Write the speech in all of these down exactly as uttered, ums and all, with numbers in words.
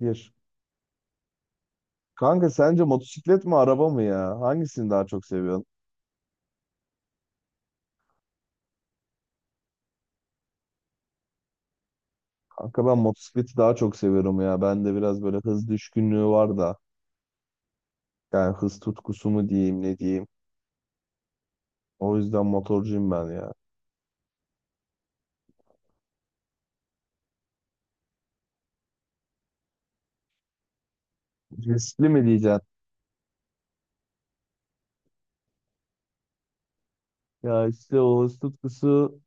Bir. Kanka sence motosiklet mi araba mı ya? Hangisini daha çok seviyorsun? Kanka ben motosikleti daha çok seviyorum ya. Bende biraz böyle hız düşkünlüğü var da. Yani hız tutkusu mu diyeyim ne diyeyim. O yüzden motorcuyum ben ya. Riskli mi diyeceksin? Ya işte o hız tutkusu.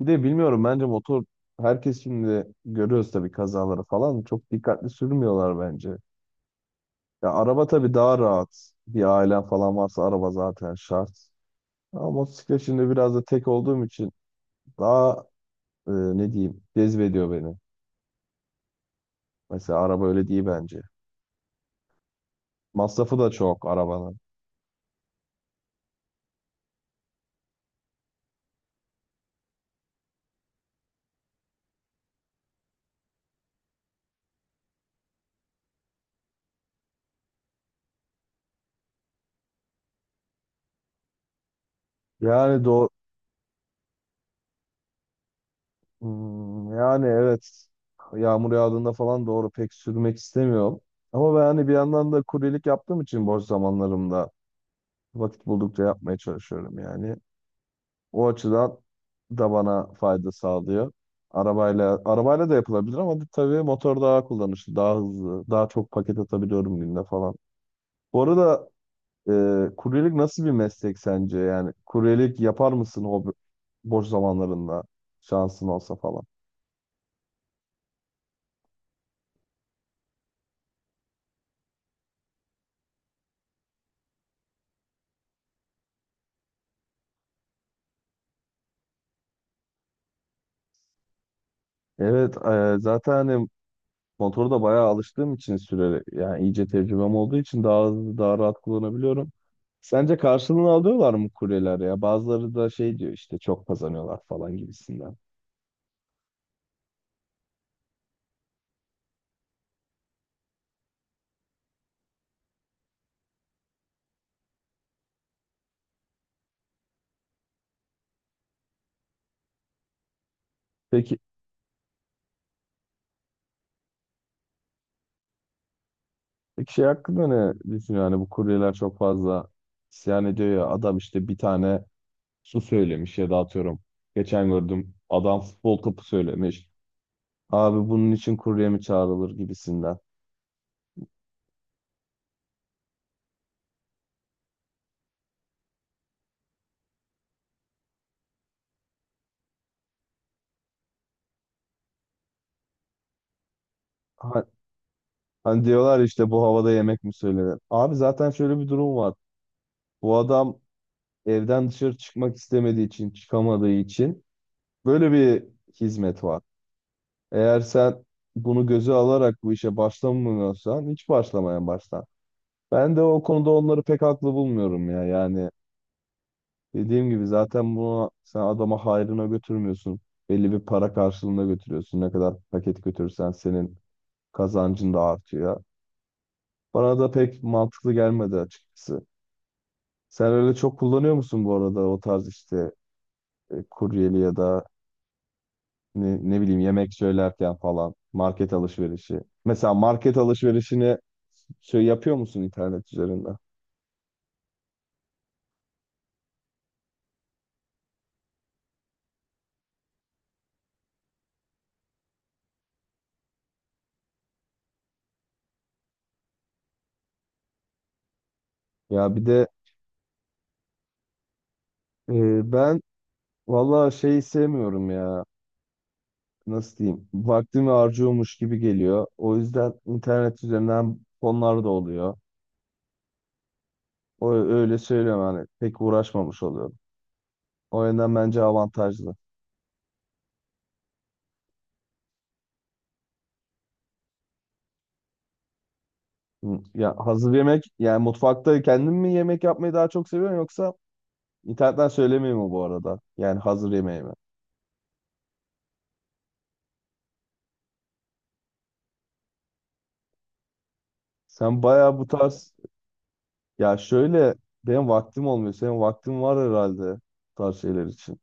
Bir de bilmiyorum, bence motor herkes şimdi görüyoruz tabii kazaları falan. Çok dikkatli sürmüyorlar bence. Ya araba tabii daha rahat. Bir ailen falan varsa araba zaten şart. Ama motosiklet şimdi biraz da tek olduğum için daha e, ne diyeyim cezbediyor beni. Mesela araba öyle değil bence. Masrafı da çok arabanın. Yani doğru, yani evet, yağmur yağdığında falan doğru pek sürmek istemiyorum. Ama ben hani bir yandan da kuryelik yaptığım için boş zamanlarımda vakit buldukça yapmaya çalışıyorum yani. O açıdan da bana fayda sağlıyor. Arabayla arabayla da yapılabilir ama tabii motor daha kullanışlı, daha hızlı, daha çok paket atabiliyorum günde falan. Bu arada Ee, kuryelik nasıl bir meslek sence? Yani kuryelik yapar mısın hobi, boş zamanlarında şansın olsa falan? Evet, e, zaten hani motoru da bayağı alıştığım için süreli, yani iyice tecrübem olduğu için daha hızlı, daha rahat kullanabiliyorum. Sence karşılığını alıyorlar mı kuryeler ya? Bazıları da şey diyor işte, çok kazanıyorlar falan gibisinden. Peki, peki şey hakkında ne düşünüyor? Hani bu kuryeler çok fazla isyan ediyor ya, adam işte bir tane su söylemiş ya da, atıyorum, geçen gördüm, adam futbol topu söylemiş. Abi bunun için kurye mi çağrılır gibisinden. Ha- Hani diyorlar işte bu havada yemek mi söylenir. Abi zaten şöyle bir durum var. Bu adam evden dışarı çıkmak istemediği için, çıkamadığı için böyle bir hizmet var. Eğer sen bunu göze alarak bu işe başlamıyorsan hiç başlamaya başla. Ben de o konuda onları pek haklı bulmuyorum ya. Yani dediğim gibi zaten bunu sen adama hayrına götürmüyorsun. Belli bir para karşılığında götürüyorsun. Ne kadar paket götürürsen senin kazancın da artıyor. Bana da pek mantıklı gelmedi açıkçası. Sen öyle çok kullanıyor musun bu arada o tarz işte e, kuryeli ya da, ne, ne bileyim, yemek söylerken falan, market alışverişi. Mesela market alışverişini şey yapıyor musun, internet üzerinden? Ya bir de e, ben vallahi şeyi sevmiyorum ya. Nasıl diyeyim? Vaktimi harcıyormuş gibi geliyor. O yüzden internet üzerinden fonlar da oluyor. O öyle söylüyorum, hani pek uğraşmamış oluyorum. O yönden bence avantajlı. Hı, ya hazır yemek yani, mutfakta kendim mi yemek yapmayı daha çok seviyorum yoksa internetten söylemeyi mi bu arada? Yani hazır yemeği mi? Sen bayağı bu tarz, ya şöyle, benim vaktim olmuyor. Senin vaktin var herhalde bu tarz şeyler için.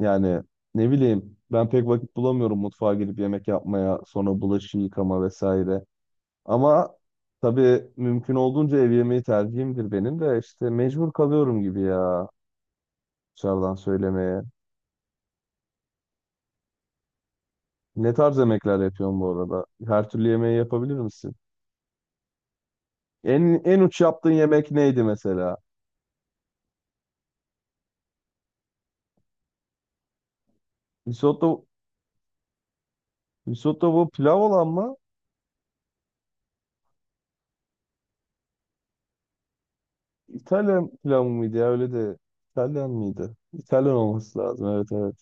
Yani ne bileyim, ben pek vakit bulamıyorum mutfağa girip yemek yapmaya, sonra bulaşık yıkama vesaire. Ama tabii mümkün olduğunca ev yemeği tercihimdir benim de, işte mecbur kalıyorum gibi ya dışarıdan söylemeye. Ne tarz yemekler yapıyorsun bu arada? Her türlü yemeği yapabilir misin? En en uç yaptığın yemek neydi mesela? Risotto, risotto bu pilav olan mı? İtalyan pilav mıydı ya, öyle de İtalyan mıydı? İtalyan olması lazım, evet evet.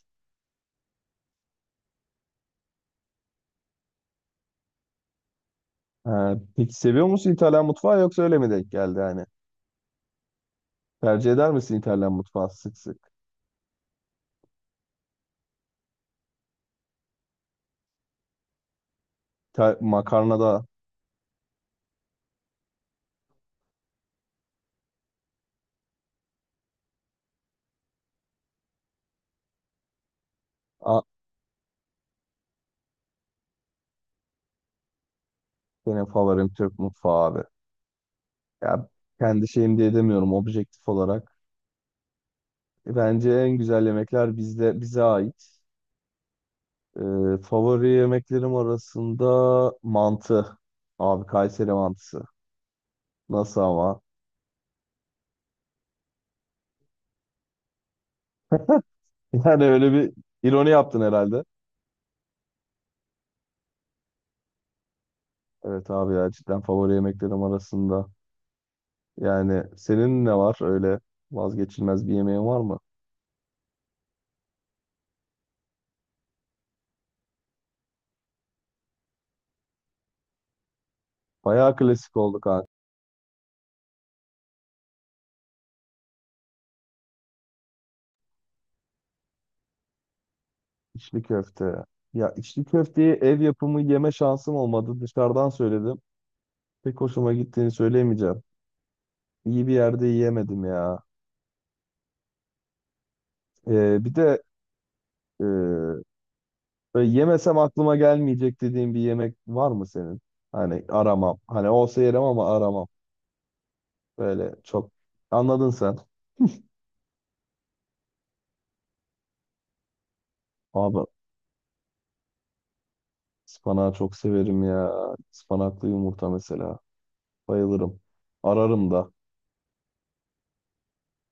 Ha, peki seviyor musun İtalyan mutfağı, yoksa öyle mi denk geldi yani? Tercih eder misin İtalyan mutfağı sık sık? Ta- makarna da. A, benim favorim Türk mutfağı abi. Ya kendi şeyim diye demiyorum, objektif olarak. E, Bence en güzel yemekler bizde, bize ait. Ee, favori yemeklerim arasında mantı. Abi Kayseri mantısı. Nasıl ama? Yani öyle bir ironi yaptın herhalde. Evet abi ya, cidden favori yemeklerim arasında. Yani senin ne var öyle, vazgeçilmez bir yemeğin var mı? Bayağı klasik oldu kanka. İçli köfte. Ya içli köfteyi ev yapımı yeme şansım olmadı. Dışarıdan söyledim. Pek hoşuma gittiğini söyleyemeyeceğim. İyi bir yerde yiyemedim ya. Ee, bir de e, böyle yemesem aklıma gelmeyecek dediğin bir yemek var mı senin? Hani aramam, hani olsa yerim ama aramam. Böyle çok. Anladın sen. Abi Ispanağı çok severim ya. Ispanaklı yumurta mesela. Bayılırım. Ararım da.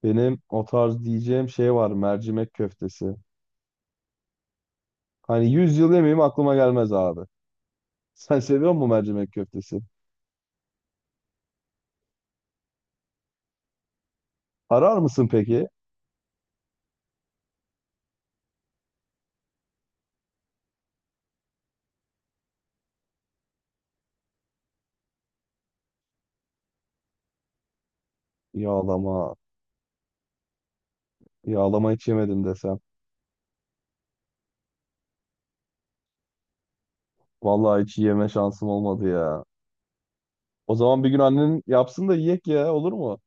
Benim o tarz diyeceğim şey var. Mercimek köftesi. Hani yüz yıl yemeyeyim aklıma gelmez abi. Sen seviyor musun mercimek köftesi? Arar mısın peki? Yağlama. Yağlama hiç yemedim desem. Vallahi hiç yeme şansım olmadı ya. O zaman bir gün annen yapsın da yiyek ya, olur mu?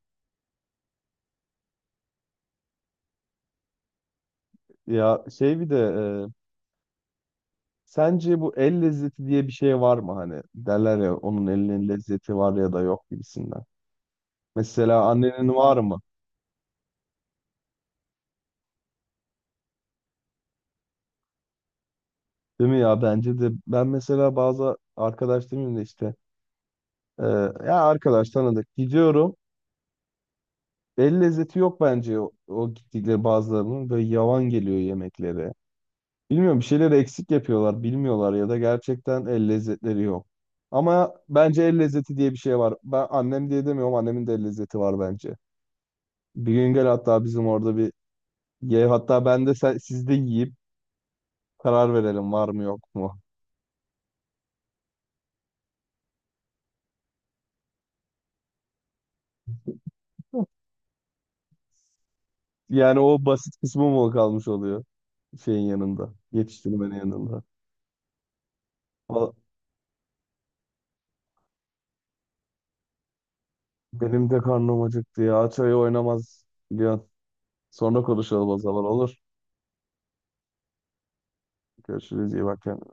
Ya şey, bir de e, sence bu el lezzeti diye bir şey var mı hani? Derler ya, onun elinin lezzeti var ya da yok gibisinden. Mesela annenin var mı? Değil mi ya? Bence de. Ben mesela bazı arkadaş demeyeyim de işte e, ya arkadaş, tanıdık gidiyorum. El lezzeti yok bence, o, o gittikleri bazılarının böyle yavan geliyor yemekleri. Bilmiyorum, bir şeyleri eksik yapıyorlar, bilmiyorlar ya da gerçekten el lezzetleri yok. Ama bence el lezzeti diye bir şey var. Ben annem diye demiyorum, annemin de el lezzeti var bence. Bir gün gel hatta bizim orada bir ye, hatta ben de, sen, siz de yiyip karar verelim var mı yok mu. Yani o basit kısmı mı kalmış oluyor şeyin yanında, yetiştirmenin yanında. Valla, benim de karnım acıktı ya. Çayı oynamaz biliyorsun. Sonra konuşalım o zaman, olur. Görüşürüz, iyi bak kendine.